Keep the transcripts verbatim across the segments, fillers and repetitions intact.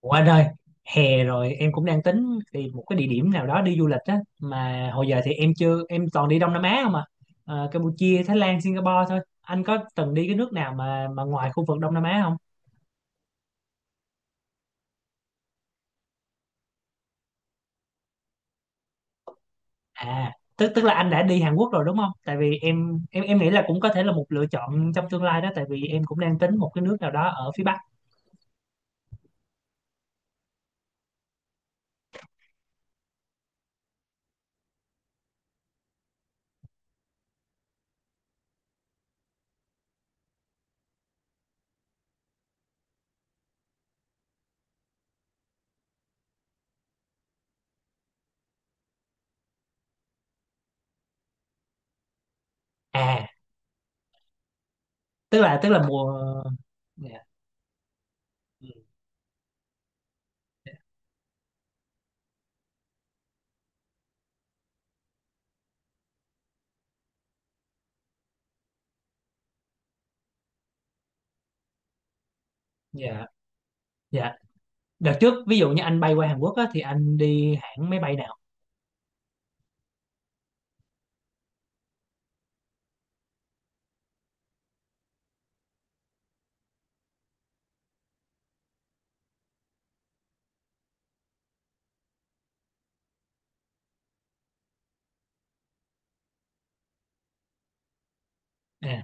Ủa anh ơi, hè rồi em cũng đang tính tìm một cái địa điểm nào đó đi du lịch á, mà hồi giờ thì em chưa em toàn đi Đông Nam Á không à. Ờ, Campuchia, Thái Lan, Singapore thôi. Anh có từng đi cái nước nào mà mà ngoài khu vực Đông Nam Á không? À, tức tức là anh đã đi Hàn Quốc rồi đúng không? Tại vì em em em nghĩ là cũng có thể là một lựa chọn trong tương lai đó, tại vì em cũng đang tính một cái nước nào đó ở phía Bắc. À, tức là tức là mùa. Dạ. Ừ. Dạ, dạ, dạ. Đợt trước ví dụ như anh bay qua Hàn Quốc á, thì anh đi hãng máy bay nào? À.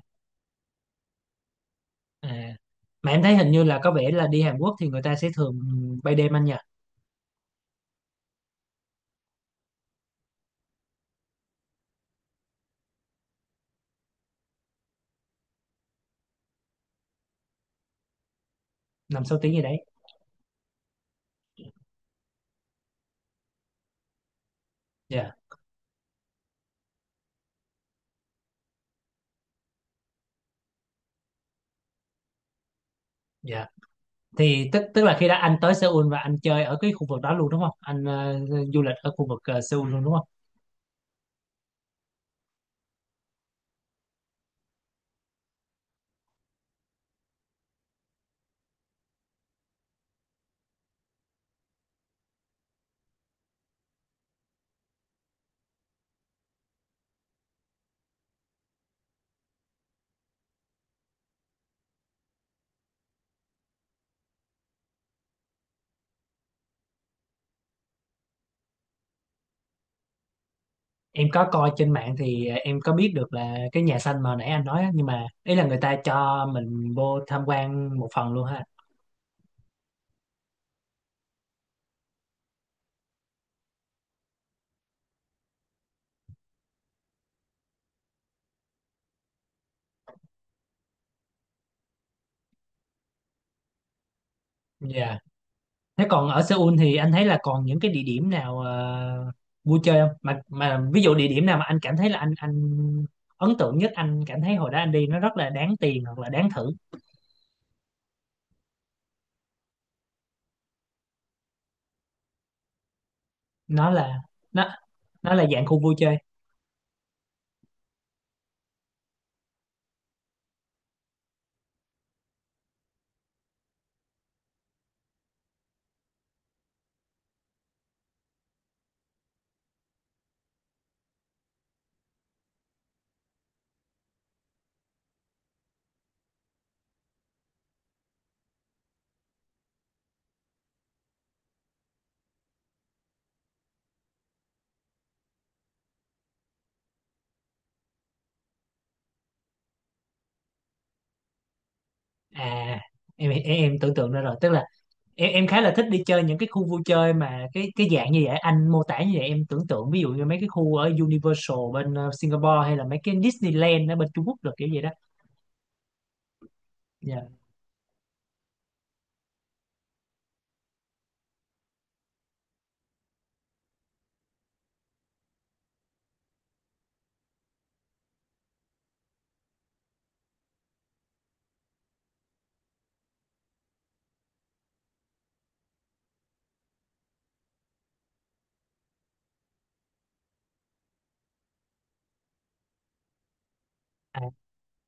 À, mà em thấy hình như là có vẻ là đi Hàn Quốc thì người ta sẽ thường bay đêm anh nhỉ, năm sáu tiếng gì đấy. Dạ, dạ. Thì tức tức là khi đã anh tới Seoul và anh chơi ở cái khu vực đó luôn đúng không? Anh ờ, du lịch ở khu vực ờ, Seoul luôn đúng không? Em có coi trên mạng thì ờ, em có biết được là cái nhà xanh mà nãy anh nói á, nhưng mà ý là người ta cho mình vô tham quan một phần luôn ha. Dạ. Thế còn ở Seoul thì anh thấy là còn những cái địa điểm nào ờ, vui chơi không? Mà mà ví dụ địa điểm nào mà anh cảm thấy là anh anh ấn tượng nhất, anh cảm thấy hồi đó anh đi nó rất là đáng tiền hoặc là đáng thử. Nó là nó nó là dạng khu vui chơi. À, em em, em tưởng tượng ra rồi, tức là em em khá là thích đi chơi những cái khu vui chơi mà cái cái dạng như vậy anh mô tả, như vậy em tưởng tượng ví dụ như mấy cái khu ở Universal bên ờ, Singapore hay là mấy cái Disneyland ở bên Trung Quốc được, kiểu vậy đó. Dạ.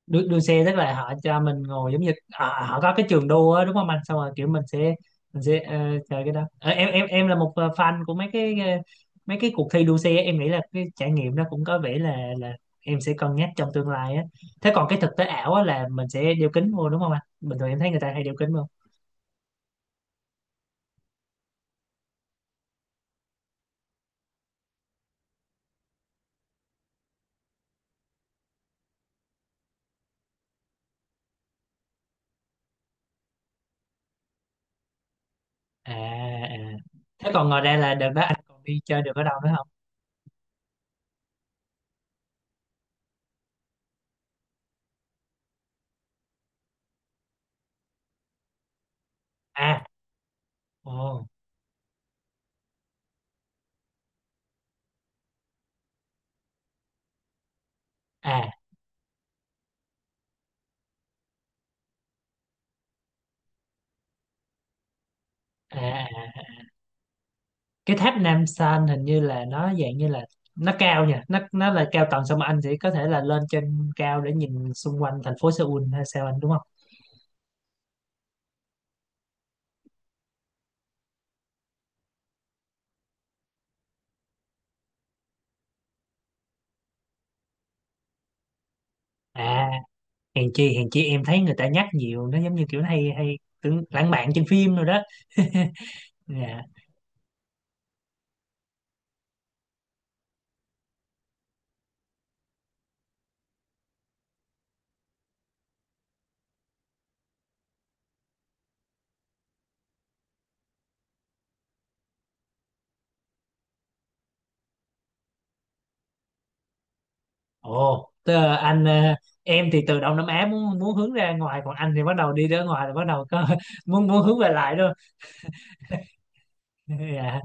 đua, đua xe tức là họ cho mình ngồi giống như họ, họ có cái trường đua á, đúng không anh, xong rồi kiểu mình sẽ mình sẽ ờ, chơi cái đó. Ờ, em em em là một ờ, fan của mấy cái ờ, mấy cái cuộc thi đua xe á. Em nghĩ là cái trải nghiệm nó cũng có vẻ là là em sẽ cân nhắc trong tương lai á. Thế còn cái thực tế ảo á là mình sẽ đeo kính vô đúng không anh, bình thường em thấy người ta hay đeo kính vô. À, à. Thế còn ngoài ra là đợt đó anh còn đi chơi được ở đâu nữa không? À. Ồ. à à. À. Cái tháp Nam San hình như là nó dạng như là nó cao nha, nó nó là cao tầng, xong mà anh sẽ có thể là lên trên cao để nhìn xung quanh thành phố Seoul hay sao anh đúng không? À, hèn chi hèn chi em thấy người ta nhắc nhiều, nó giống như kiểu nó hay hay tưởng lãng mạn trên phim rồi đó. Dạ. Ồ tớ, anh ờ, em thì từ Đông Nam Á muốn muốn hướng ra ngoài, còn anh thì bắt đầu đi ra ngoài là bắt đầu có muốn muốn hướng về lại luôn. Dạ.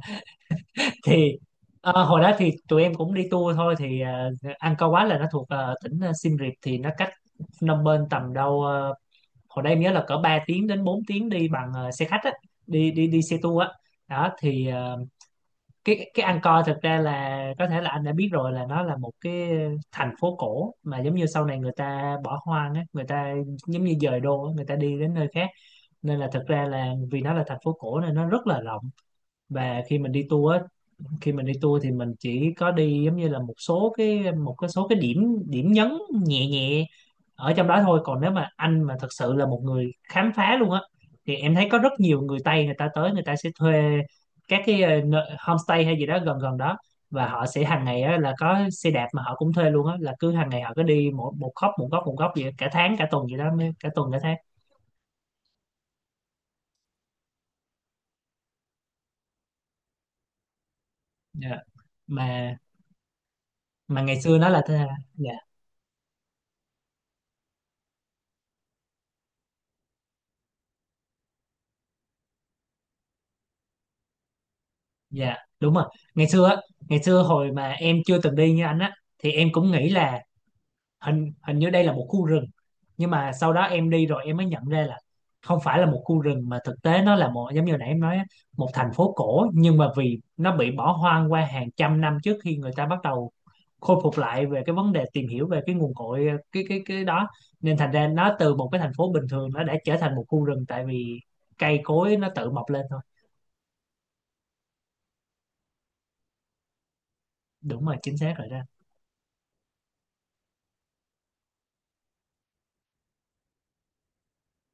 Thì ờ, hồi đó thì tụi em cũng đi tour thôi, thì ờ, Angkor Wat là nó thuộc ờ, tỉnh ờ, Siem Reap, thì nó cách Phnom Penh tầm đâu ờ, hồi đây em nhớ là cỡ ba tiếng đến bốn tiếng đi bằng ờ, xe khách á, đi đi đi xe tour á. Đó thì ờ, cái cái Angkor thực ra là có thể là anh đã biết rồi, là nó là một cái thành phố cổ mà giống như sau này người ta bỏ hoang á, người ta giống như dời đô á, người ta đi đến nơi khác, nên là thực ra là vì nó là thành phố cổ nên nó rất là rộng. Và khi mình đi tour á, khi mình đi tour thì mình chỉ có đi giống như là một số cái một cái số cái điểm điểm nhấn nhẹ nhẹ ở trong đó thôi, còn nếu mà anh mà thật sự là một người khám phá luôn á, thì em thấy có rất nhiều người Tây người ta tới, người ta sẽ thuê các cái ờ, nợ- homestay hay gì đó gần gần đó, và họ sẽ hàng ngày á, là có xe đạp mà họ cũng thuê luôn á, là cứ hàng ngày họ cứ đi một một góc một góc một góc vậy cả tháng cả tuần vậy đó, cả tuần cả tháng. Dạ. mà mà ngày xưa nó là thế- dạ. Dạ, đúng rồi, ngày xưa á, ngày xưa hồi mà em chưa từng đi như anh á, thì em cũng nghĩ là hình hình như đây là một khu rừng, nhưng mà sau đó em đi rồi em mới nhận ra là không phải là một khu rừng mà thực tế nó là một, giống như hồi nãy em nói á, một thành phố cổ, nhưng mà vì nó bị bỏ hoang qua hàng trăm năm trước khi người ta bắt đầu khôi phục lại về cái vấn đề tìm hiểu về cái nguồn cội cái cái cái đó, nên thành ra nó từ một cái thành phố bình thường nó đã trở thành một khu rừng, tại vì cây cối nó tự mọc lên thôi. Đúng rồi, chính xác rồi đó.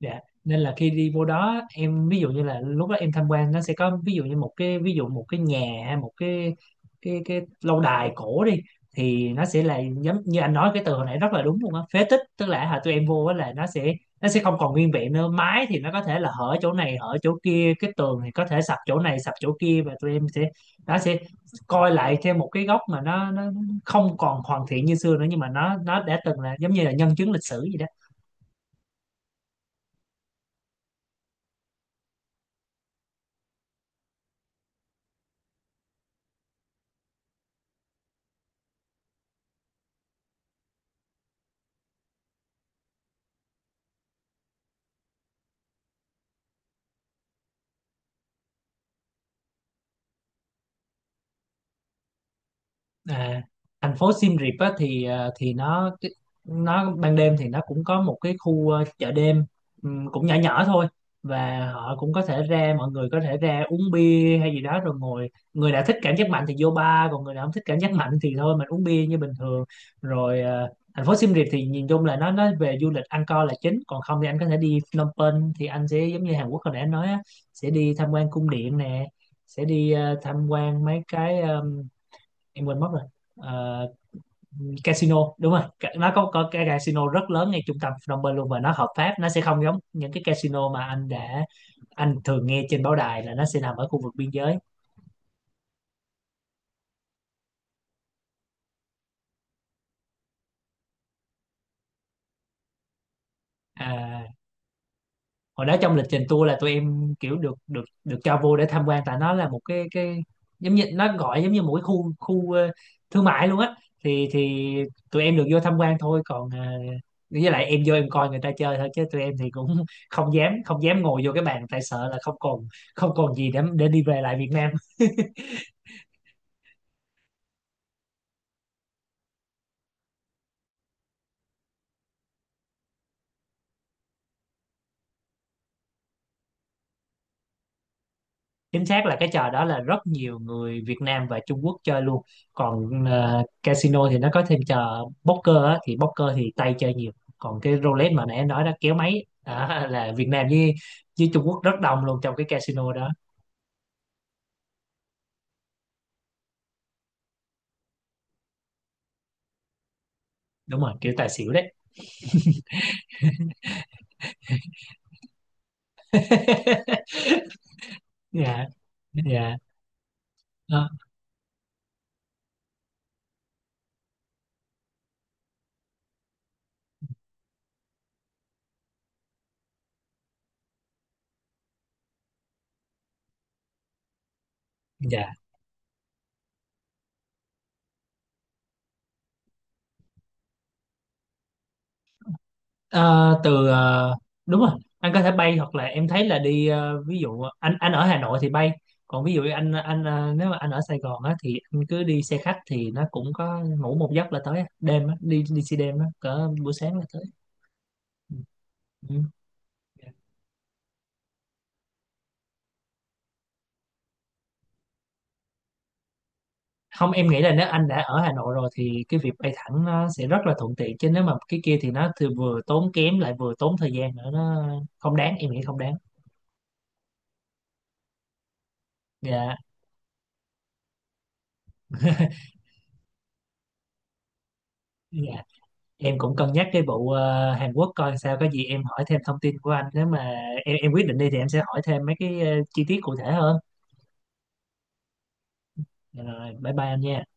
Dạ. Nên là khi đi vô đó em ví dụ như là lúc đó em tham quan, nó sẽ có ví dụ như một cái, ví dụ một cái nhà hay một cái cái cái lâu đài cổ đi, thì nó sẽ là giống như anh nói cái từ hồi nãy rất là đúng luôn á, phế tích, tức là hồi tụi em vô á là nó sẽ nó sẽ không còn nguyên vẹn nữa, mái thì nó có thể là hở chỗ này hở chỗ kia, cái tường thì có thể sập chỗ này sập chỗ kia, và tụi em sẽ nó sẽ coi lại theo một cái góc mà nó nó không còn hoàn thiện như xưa nữa nhưng mà nó nó đã từng là giống như là nhân chứng lịch sử vậy đó. À, thành phố Siem Reap á, thì ờ, thì nó nó ban đêm thì nó cũng có một cái khu ờ, chợ đêm, ừm, cũng nhỏ nhỏ thôi, và họ cũng có thể ra, mọi người có thể ra uống bia hay gì đó rồi ngồi, người nào thích cảm giác mạnh thì vô bar, còn người nào không thích cảm giác mạnh thì thôi mình uống bia như bình thường. Rồi ờ, thành phố Siem Reap thì nhìn chung là nó nó về du lịch ăn co là chính, còn không thì anh có thể đi Phnom Penh thì anh sẽ giống như Hàn Quốc hồi nãy anh nói á, sẽ đi tham quan cung điện nè, sẽ đi ờ, tham quan mấy cái ờ, em quên mất rồi. Ờ, casino, đúng rồi. Ca- nó có có cái casino rất lớn ngay trung tâm Phnom Penh luôn, và nó hợp pháp, nó sẽ không giống những cái casino mà anh đã, anh thường nghe trên báo đài là nó sẽ nằm ở khu vực biên giới. À, hồi đó trong lịch trình tour là tụi em kiểu được được được cho vô để tham quan, tại nó là một cái cái giống như nó gọi giống như một cái khu, khu ờ, thương mại luôn á, thì thì tụi em được vô tham quan thôi, còn ờ, với lại em vô em coi người ta chơi thôi, chứ tụi em thì cũng không dám không dám ngồi vô cái bàn, tại sợ là không còn, không còn gì để để đi về lại Việt Nam. Chính xác là cái trò đó là rất nhiều người Việt Nam và Trung Quốc chơi luôn. Còn ờ, casino thì nó có thêm trò poker á, thì poker thì Tây chơi nhiều. Còn cái roulette mà nãy em nói đó, kéo máy đó, là Việt Nam với với Trung Quốc rất đông luôn trong cái casino đó. Đúng rồi, kiểu tài xỉu đấy. Dạ. Dạ. Ờ, dạ. Ờ, từ ờ, đúng rồi, anh có thể bay, hoặc là em thấy là đi ờ, ví dụ ờ, anh anh ở Hà Nội thì bay, còn ví dụ anh anh ờ, nếu mà anh ở Sài Gòn á, thì anh cứ đi xe khách thì nó cũng có, ngủ một giấc là tới á. Đêm á, đi đi xe đêm á, cỡ buổi sáng là tới. Ừ. Ừ. Không, em nghĩ là nếu anh đã ở Hà Nội rồi thì cái việc bay thẳng nó sẽ rất là thuận tiện, chứ nếu mà cái kia thì nó thì vừa tốn kém lại vừa tốn thời gian nữa, nó không đáng, em nghĩ không đáng. Dạ. Dạ. Em cũng cân nhắc cái vụ ờ, Hàn Quốc coi sao, có gì em hỏi thêm thông tin của anh, nếu mà em em quyết định đi thì em sẽ hỏi thêm mấy cái ờ, chi tiết cụ thể hơn. Rồi bye bye anh nha.